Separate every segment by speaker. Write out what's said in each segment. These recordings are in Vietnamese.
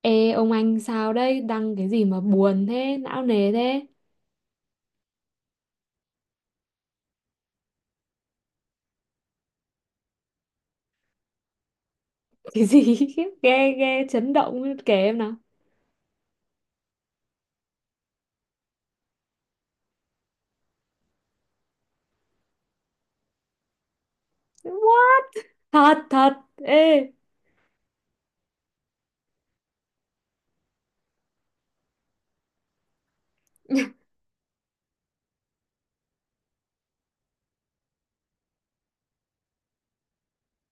Speaker 1: Ê ông anh, sao đấy, đăng cái gì mà buồn thế, não nề thế? Cái gì? Ghê ghê, chấn động, kể em nào. What? Thật thật? Ê,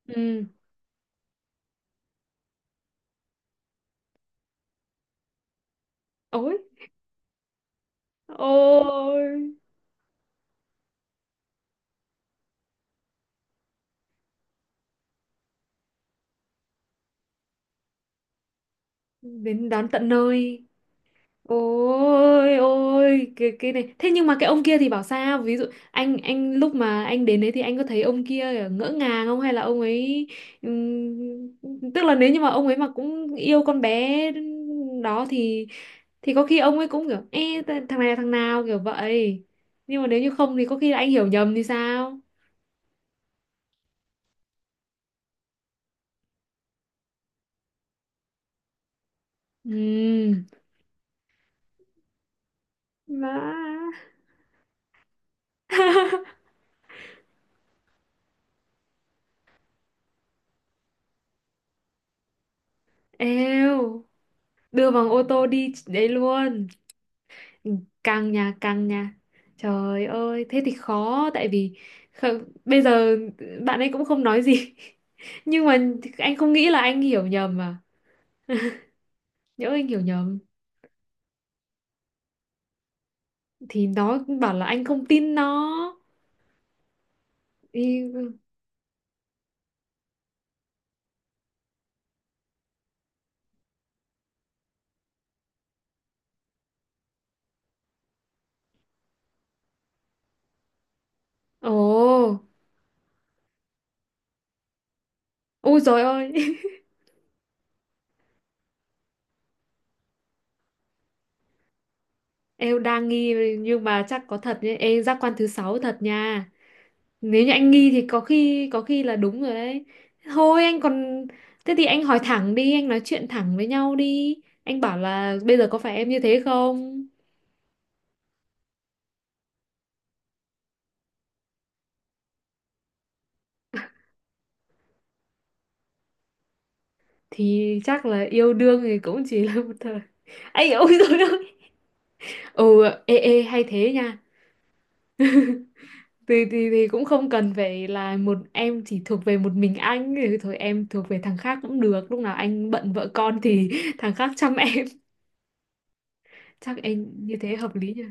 Speaker 1: ừ. Ôi, ôi, đến đón tận nơi. Ôi, ôi, cái này, thế nhưng mà cái ông kia thì bảo sao, ví dụ anh lúc mà anh đến đấy thì anh có thấy ông kia ngỡ ngàng không, hay là ông ấy, tức là nếu như mà ông ấy mà cũng yêu con bé đó thì có khi ông ấy cũng kiểu: Ê, thằng này là thằng nào, kiểu vậy. Nhưng mà nếu như không thì có khi là anh hiểu nhầm thì sao? Ừm. Má. Eo, đưa bằng ô tô đi đấy luôn. Ừ. Căng nhà, căng nhà. Trời ơi, thế thì khó, tại vì bây giờ bạn ấy cũng không nói gì. Nhưng mà anh không nghĩ là anh hiểu nhầm mà. Nhỡ anh hiểu nhầm thì nó bảo là anh không tin nó. Ý- Ồ, ôi trời ơi. Em đang nghi nhưng mà chắc có thật nhé. Ê, giác quan thứ sáu thật nha. Nếu như anh nghi thì có khi là đúng rồi đấy. Thôi anh còn, thế thì anh hỏi thẳng đi, anh nói chuyện thẳng với nhau đi. Anh bảo là bây giờ có phải em như thế không? Thì chắc là yêu đương thì cũng chỉ là một thời. Anh ôi rồi đó. Ừ, ê ê hay thế nha. Thì cũng không cần phải là một em chỉ thuộc về một mình anh, thì thôi em thuộc về thằng khác cũng được. Lúc nào anh bận vợ con thì thằng khác chăm em, chắc anh như thế hợp lý nhỉ.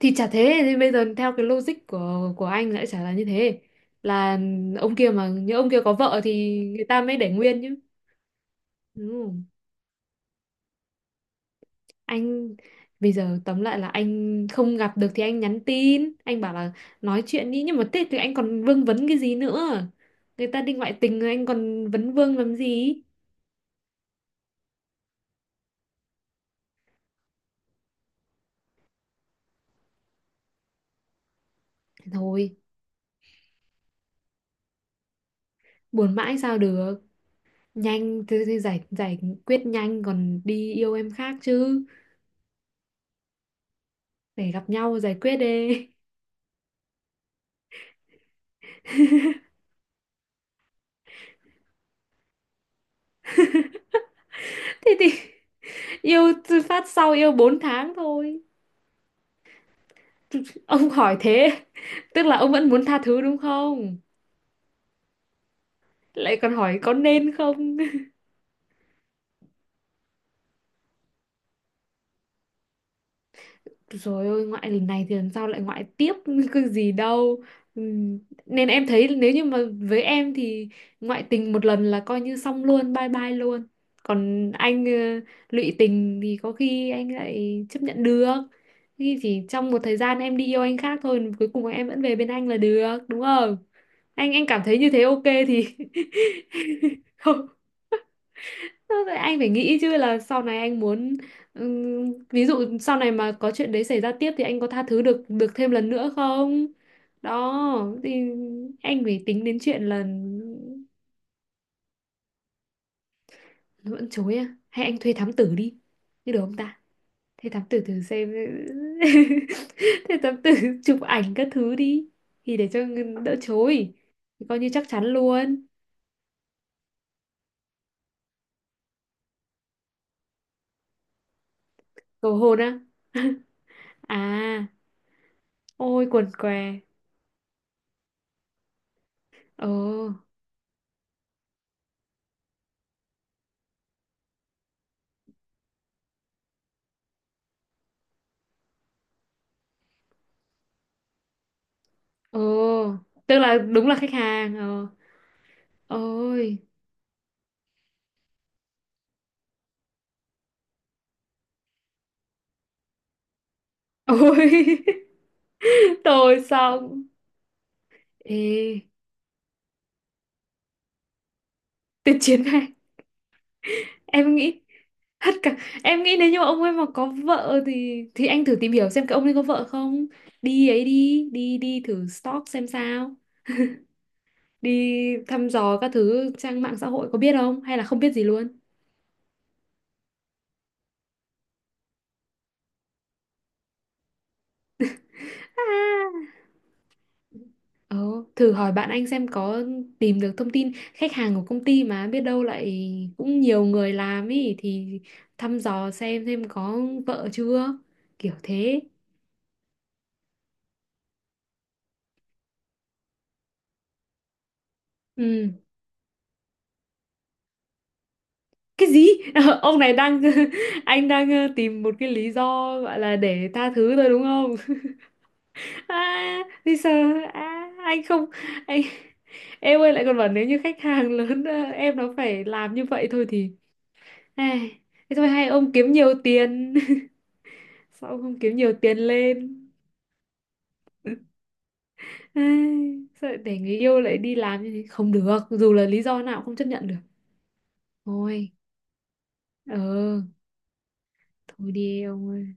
Speaker 1: Thì chả thế thì bây giờ theo cái logic của anh lại chả là như thế, là ông kia, mà nhớ ông kia có vợ thì người ta mới để nguyên chứ, đúng không anh. Bây giờ tóm lại là anh không gặp được thì anh nhắn tin, anh bảo là nói chuyện đi, nhưng mà thế thì anh còn vương vấn cái gì nữa, người ta đi ngoại tình rồi anh còn vấn vương làm gì. Thôi, buồn mãi sao được, nhanh thì giải giải quyết nhanh còn đi yêu em khác chứ, để gặp nhau giải quyết đi. Thế thì yêu từ phát sau yêu 4 tháng thôi. Ông hỏi thế tức là ông vẫn muốn tha thứ đúng không, lại còn hỏi có nên không. Rồi ôi, ngoại lần này thì lần sau lại ngoại tiếp, cái gì đâu. Ừm, Nên em thấy nếu như mà với em thì ngoại tình một lần là coi như xong luôn, bye bye luôn. Còn anh, lụy tình thì có khi anh lại chấp nhận được. Khi chỉ trong một thời gian em đi yêu anh khác thôi, cuối cùng em vẫn về bên anh là được đúng không. Anh cảm thấy như thế ok thì... không. Thế rồi anh phải nghĩ chứ, là sau này anh muốn, ví dụ sau này mà có chuyện đấy xảy ra tiếp thì anh có tha thứ được được thêm lần nữa không? Đó thì anh phải tính đến chuyện là nó. Vẫn chối à? Hay anh thuê thám tử đi. Như được không ta? Thuê thám tử thử xem, thuê thám tử chụp ảnh các thứ đi, thì để cho đỡ chối, thì coi như chắc chắn luôn. Cầu hồn á. À, ôi quần què. Ờ. Ồ, tức là đúng là khách hàng. Ờ. Ôi, ôi, tôi xong. Ê, tuyệt chiến này. Em nghĩ hết cả. Em nghĩ nếu như mà ông ấy mà có vợ thì anh thử tìm hiểu xem cái ông ấy có vợ không. Đi ấy đi, đi đi thử stalk xem sao. Đi thăm dò các thứ trang mạng xã hội, có biết không hay là không biết gì luôn. À. Ờ, thử hỏi bạn anh xem có tìm được thông tin khách hàng của công ty, mà biết đâu lại cũng nhiều người làm ý, thì thăm dò xem có vợ chưa, kiểu thế. Ừ. Cái gì? Ông này đang, anh đang, tìm một cái lý do gọi là để tha thứ thôi đúng không? À, thì sợ, à, anh không, anh, em ơi lại còn bảo nếu như khách hàng lớn, em nó phải làm như vậy thôi thì. Ai, thế thôi hay ông kiếm nhiều tiền. Sao ông không kiếm nhiều tiền lên. Ai, sợ để người yêu lại đi làm như thế không được, dù là lý do nào cũng không chấp nhận được, thôi. Ờ. Thôi đi ông ơi.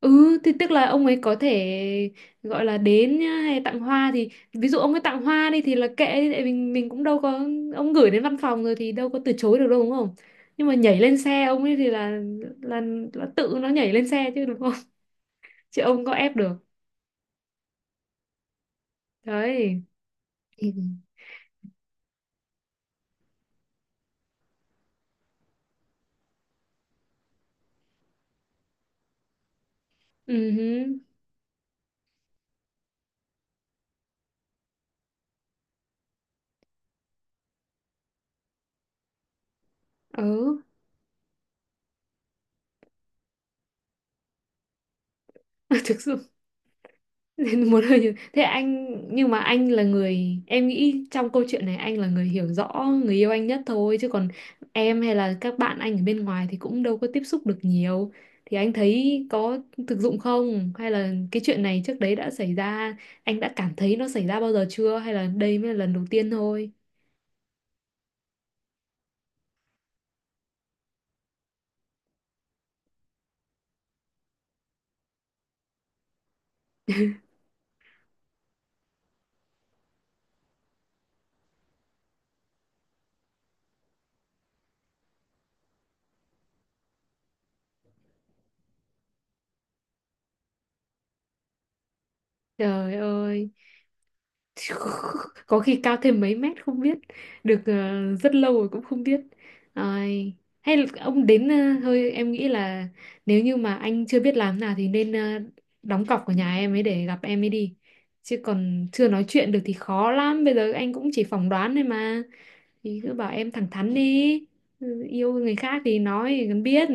Speaker 1: Ừ thì tức là ông ấy có thể gọi là đến nhá, hay tặng hoa thì ví dụ ông ấy tặng hoa đi thì là kệ đi, tại mình cũng đâu có, ông gửi đến văn phòng rồi thì đâu có từ chối được đâu đúng không. Nhưng mà nhảy lên xe ông ấy thì là, là tự nó nhảy lên xe chứ đúng không, chứ ông có ép được. Đấy. Ừ. Ừ. Ừ. Thực sự nên muốn hơi nhiều. Thế anh, nhưng mà anh là người, em nghĩ trong câu chuyện này anh là người hiểu rõ người yêu anh nhất thôi, chứ còn em hay là các bạn anh ở bên ngoài thì cũng đâu có tiếp xúc được nhiều. Thì anh thấy có thực dụng không, hay là cái chuyện này trước đấy đã xảy ra, anh đã cảm thấy nó xảy ra bao giờ chưa, hay là đây mới là lần đầu tiên thôi. Trời ơi, có khi cao thêm mấy mét không biết được. Ờ, rất lâu rồi cũng không biết. Ai, hay là ông đến, thôi em nghĩ là nếu như mà anh chưa biết làm nào thì nên, đóng cọc ở nhà em ấy để gặp em ấy đi, chứ còn chưa nói chuyện được thì khó lắm, bây giờ anh cũng chỉ phỏng đoán thôi mà. Thì cứ bảo em thẳng thắn đi. Ừ, yêu người khác thì nói, thì cần biết.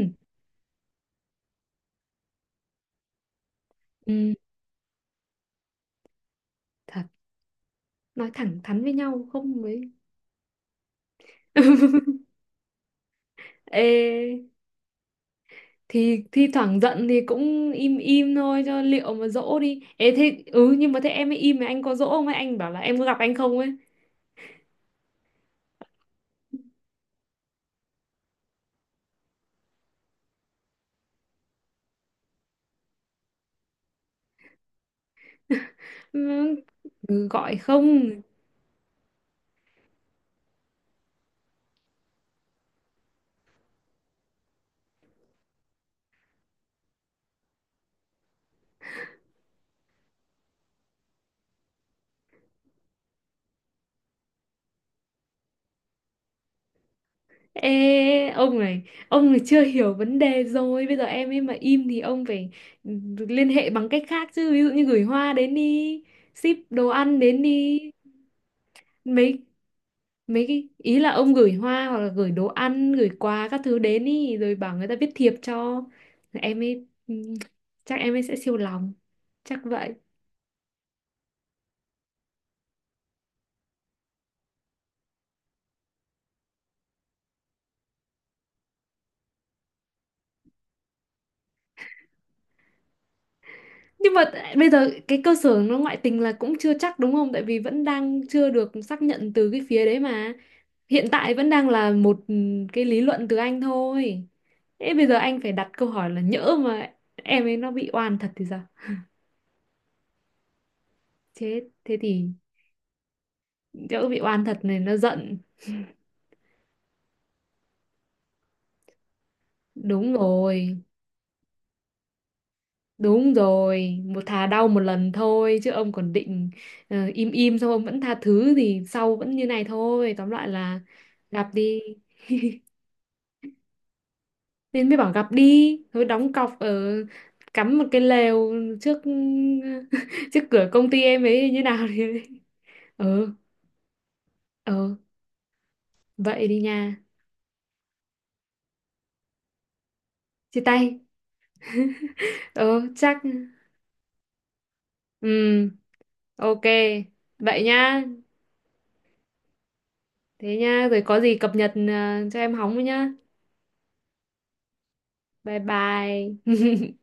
Speaker 1: Ừ, thật, nói thẳng thắn với nhau không mới... Ê, thì thi thoảng giận thì cũng im im thôi cho liệu mà dỗ đi. Ê thế, ừ, nhưng mà thế em ấy im mà anh có dỗ không ấy, anh bảo là em có gặp anh không ấy. Ừ, ừ, gọi không. Ê ông này chưa hiểu vấn đề rồi. Bây giờ em ấy mà im thì ông phải, ừ, liên hệ bằng cách khác chứ, ví dụ như gửi hoa đến đi, ship đồ ăn đến đi. Mấy mấy cái ý là ông gửi hoa hoặc là gửi đồ ăn, gửi quà các thứ đến ý rồi bảo người ta viết thiệp cho em ấy, chắc em ấy sẽ siêu lòng, chắc vậy. Nhưng mà bây giờ cái cơ sở nó ngoại tình là cũng chưa chắc đúng không, tại vì vẫn đang chưa được xác nhận từ cái phía đấy mà, hiện tại vẫn đang là một, cái lý luận từ anh thôi. Thế bây giờ anh phải đặt câu hỏi là nhỡ mà em ấy nó bị oan thật thì sao, chết, thế thì nhỡ bị oan thật này nó giận. Đúng rồi. Đúng rồi, một thà đau một lần thôi chứ ông còn định, im im xong ông vẫn tha thứ thì sau vẫn như này thôi. Tóm lại là gặp đi. Nên mới bảo gặp đi, thôi đóng cọc ở, cắm một cái lều trước, trước cửa công ty em ấy như nào thì... ừ, ừ, vậy đi nha. Chia tay. Ừ chắc, ừ, ok. Vậy nhá. Thế nhá, rồi có gì cập nhật, cho em hóng với nhá. Bye bye.